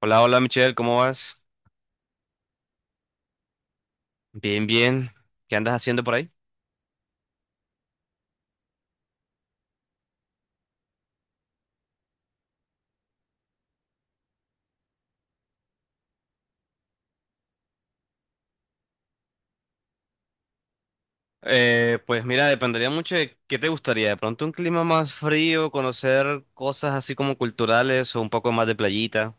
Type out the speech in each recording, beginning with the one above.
Hola, hola Michelle, ¿cómo vas? Bien, bien. ¿Qué andas haciendo por ahí? Pues mira, dependería mucho de qué te gustaría. De pronto un clima más frío, conocer cosas así como culturales o un poco más de playita.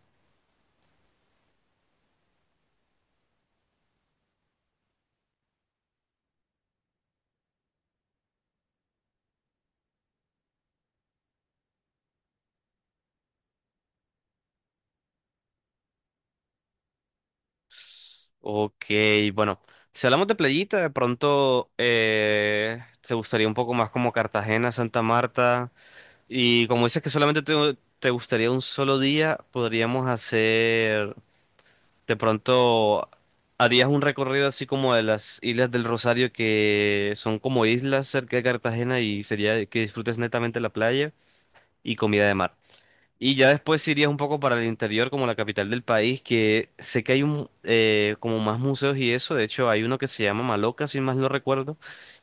Ok, bueno, si hablamos de playita, de pronto te gustaría un poco más como Cartagena, Santa Marta. Y como dices que te gustaría un solo día, podríamos hacer. De pronto harías un recorrido así como de las Islas del Rosario, que son como islas cerca de Cartagena y sería que disfrutes netamente la playa y comida de mar. Y ya después irías un poco para el interior, como la capital del país, que sé que hay un, como más museos y eso. De hecho, hay uno que se llama Maloca, si más no recuerdo,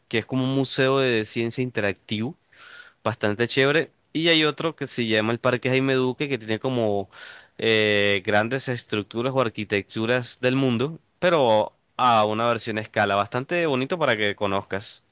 que es como un museo de ciencia interactivo bastante chévere. Y hay otro que se llama el Parque Jaime Duque, que tiene como grandes estructuras o arquitecturas del mundo, pero a una versión a escala, bastante bonito para que conozcas.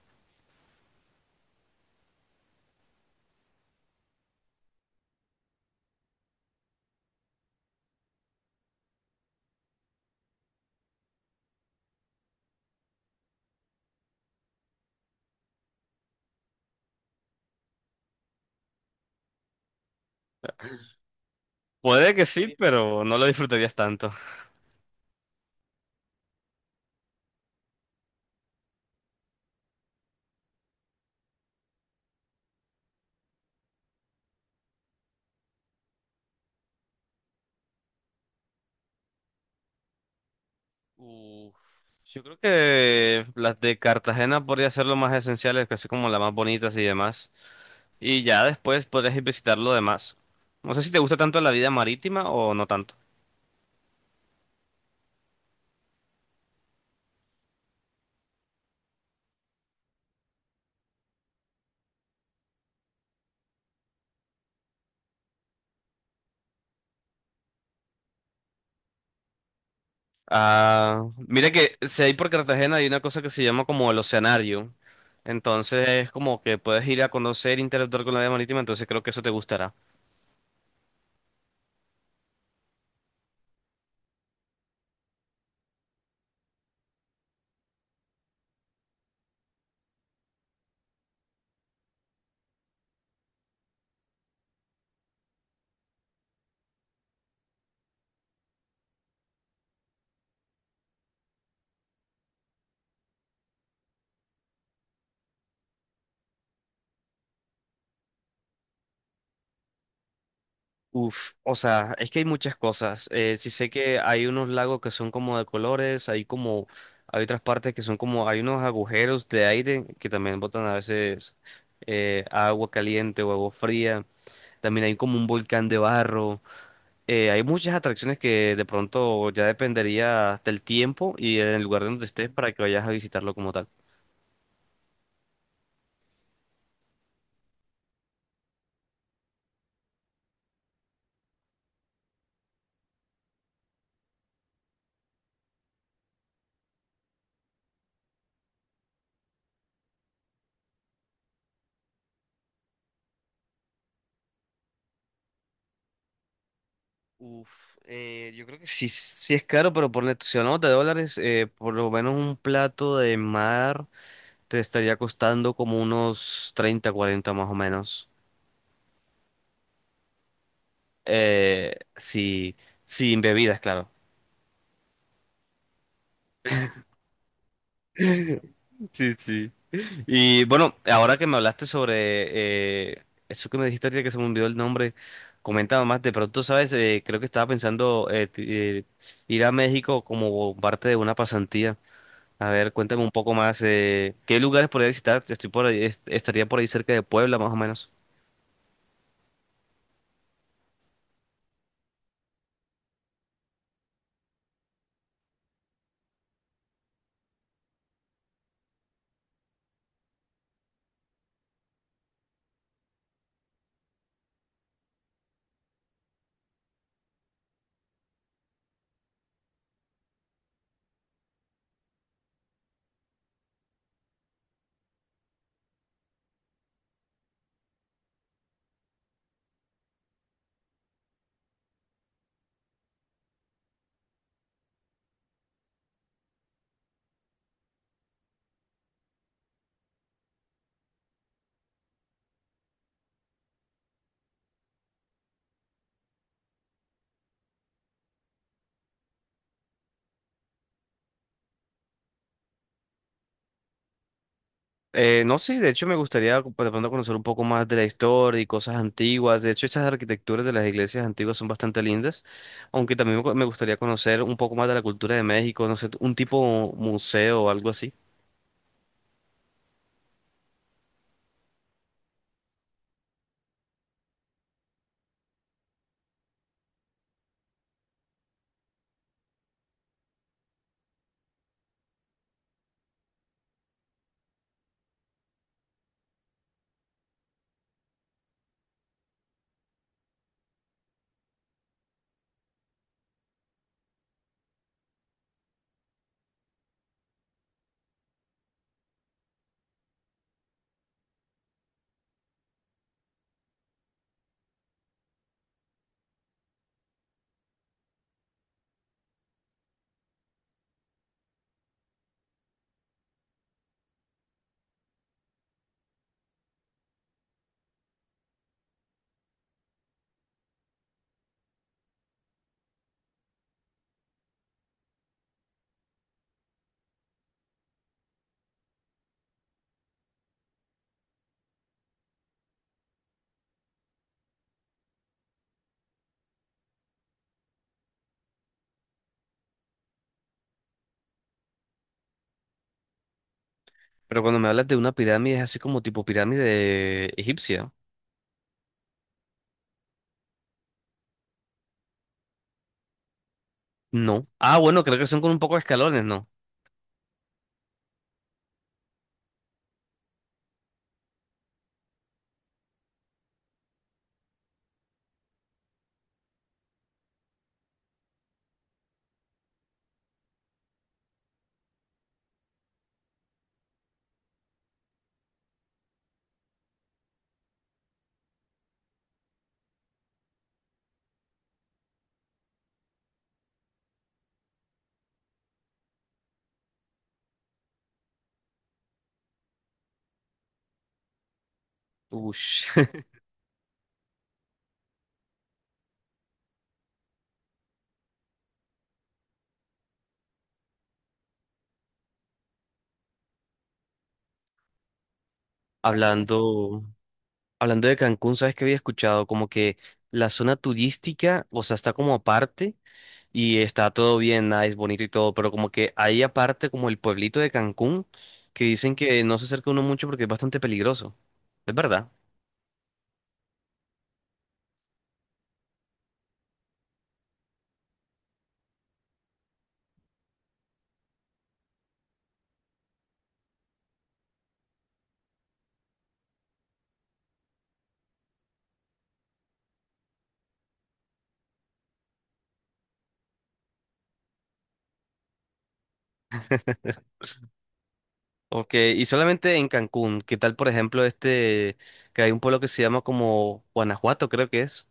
Puede que sí, sí, pero no lo disfrutarías tanto. Uf, Yo creo que las de Cartagena podría ser lo más esenciales, casi como las más bonitas y demás. Y ya después podrías ir visitar lo demás. No sé si te gusta tanto la vida marítima o no tanto. Ah, mira que si hay por Cartagena hay una cosa que se llama como el Oceanario. Entonces es como que puedes ir a conocer, interactuar con la vida marítima, entonces creo que eso te gustará. Uf, o sea, es que hay muchas cosas. Sí sé que hay unos lagos que son como de colores, hay otras partes que son como hay unos agujeros de aire que también botan a veces agua caliente o agua fría. También hay como un volcán de barro. Hay muchas atracciones que de pronto ya dependería del tiempo y en el lugar donde estés para que vayas a visitarlo como tal. Uf, yo creo que sí, sí es caro, pero por la si hablamos de dólares, por lo menos un plato de mar te estaría costando como unos 30, 40 más o menos. Sí, sin bebidas, claro. Sí, sí. Y bueno, ahora que me hablaste sobre eso que me dijiste ahorita que se me hundió el nombre, comentaba más, de pronto, ¿sabes? Creo que estaba pensando ir a México como parte de una pasantía. A ver, cuéntame un poco más, ¿qué lugares podría visitar? Estoy por ahí, estaría por ahí cerca de Puebla, más o menos. No, sí, de hecho de pronto conocer un poco más de la historia y cosas antiguas. De hecho, estas arquitecturas de las iglesias antiguas son bastante lindas, aunque también me gustaría conocer un poco más de la cultura de México, no sé, un tipo museo o algo así. Pero cuando me hablas de una pirámide, es así como tipo pirámide egipcia. No. Ah, bueno, creo que son con un poco de escalones, ¿no? Ush. Hablando, hablando de Cancún, ¿sabes qué había escuchado? Como que la zona turística, o sea, está como aparte. Y está todo bien, nice, bonito y todo, pero como que hay aparte como el pueblito de Cancún, que dicen que no se acerca uno mucho porque es bastante peligroso. ¿Es verdad? Ok, y solamente en Cancún, ¿qué tal por ejemplo este, que hay un pueblo que se llama como Guanajuato, creo que es?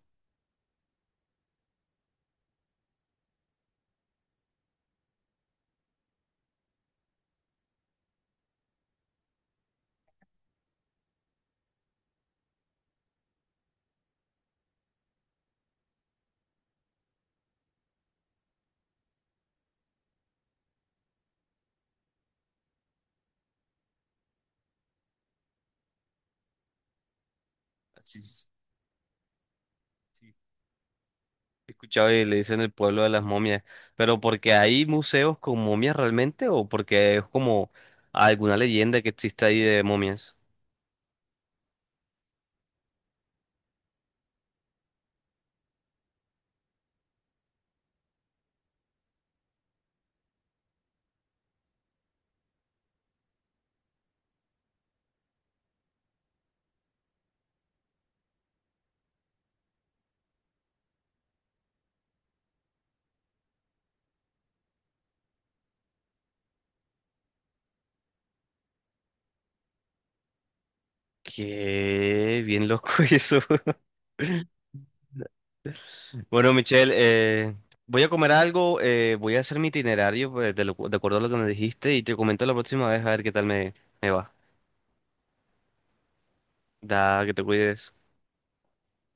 Sí, sí, sí. He escuchado y le dicen el pueblo de las momias, pero porque hay museos con momias realmente o porque es como alguna leyenda que existe ahí de momias. Qué bien loco eso. Bueno, Michelle, voy a comer algo, voy a hacer mi itinerario pues, de acuerdo a lo que me dijiste y te comento la próxima vez a ver qué tal me va. Da, que te cuides.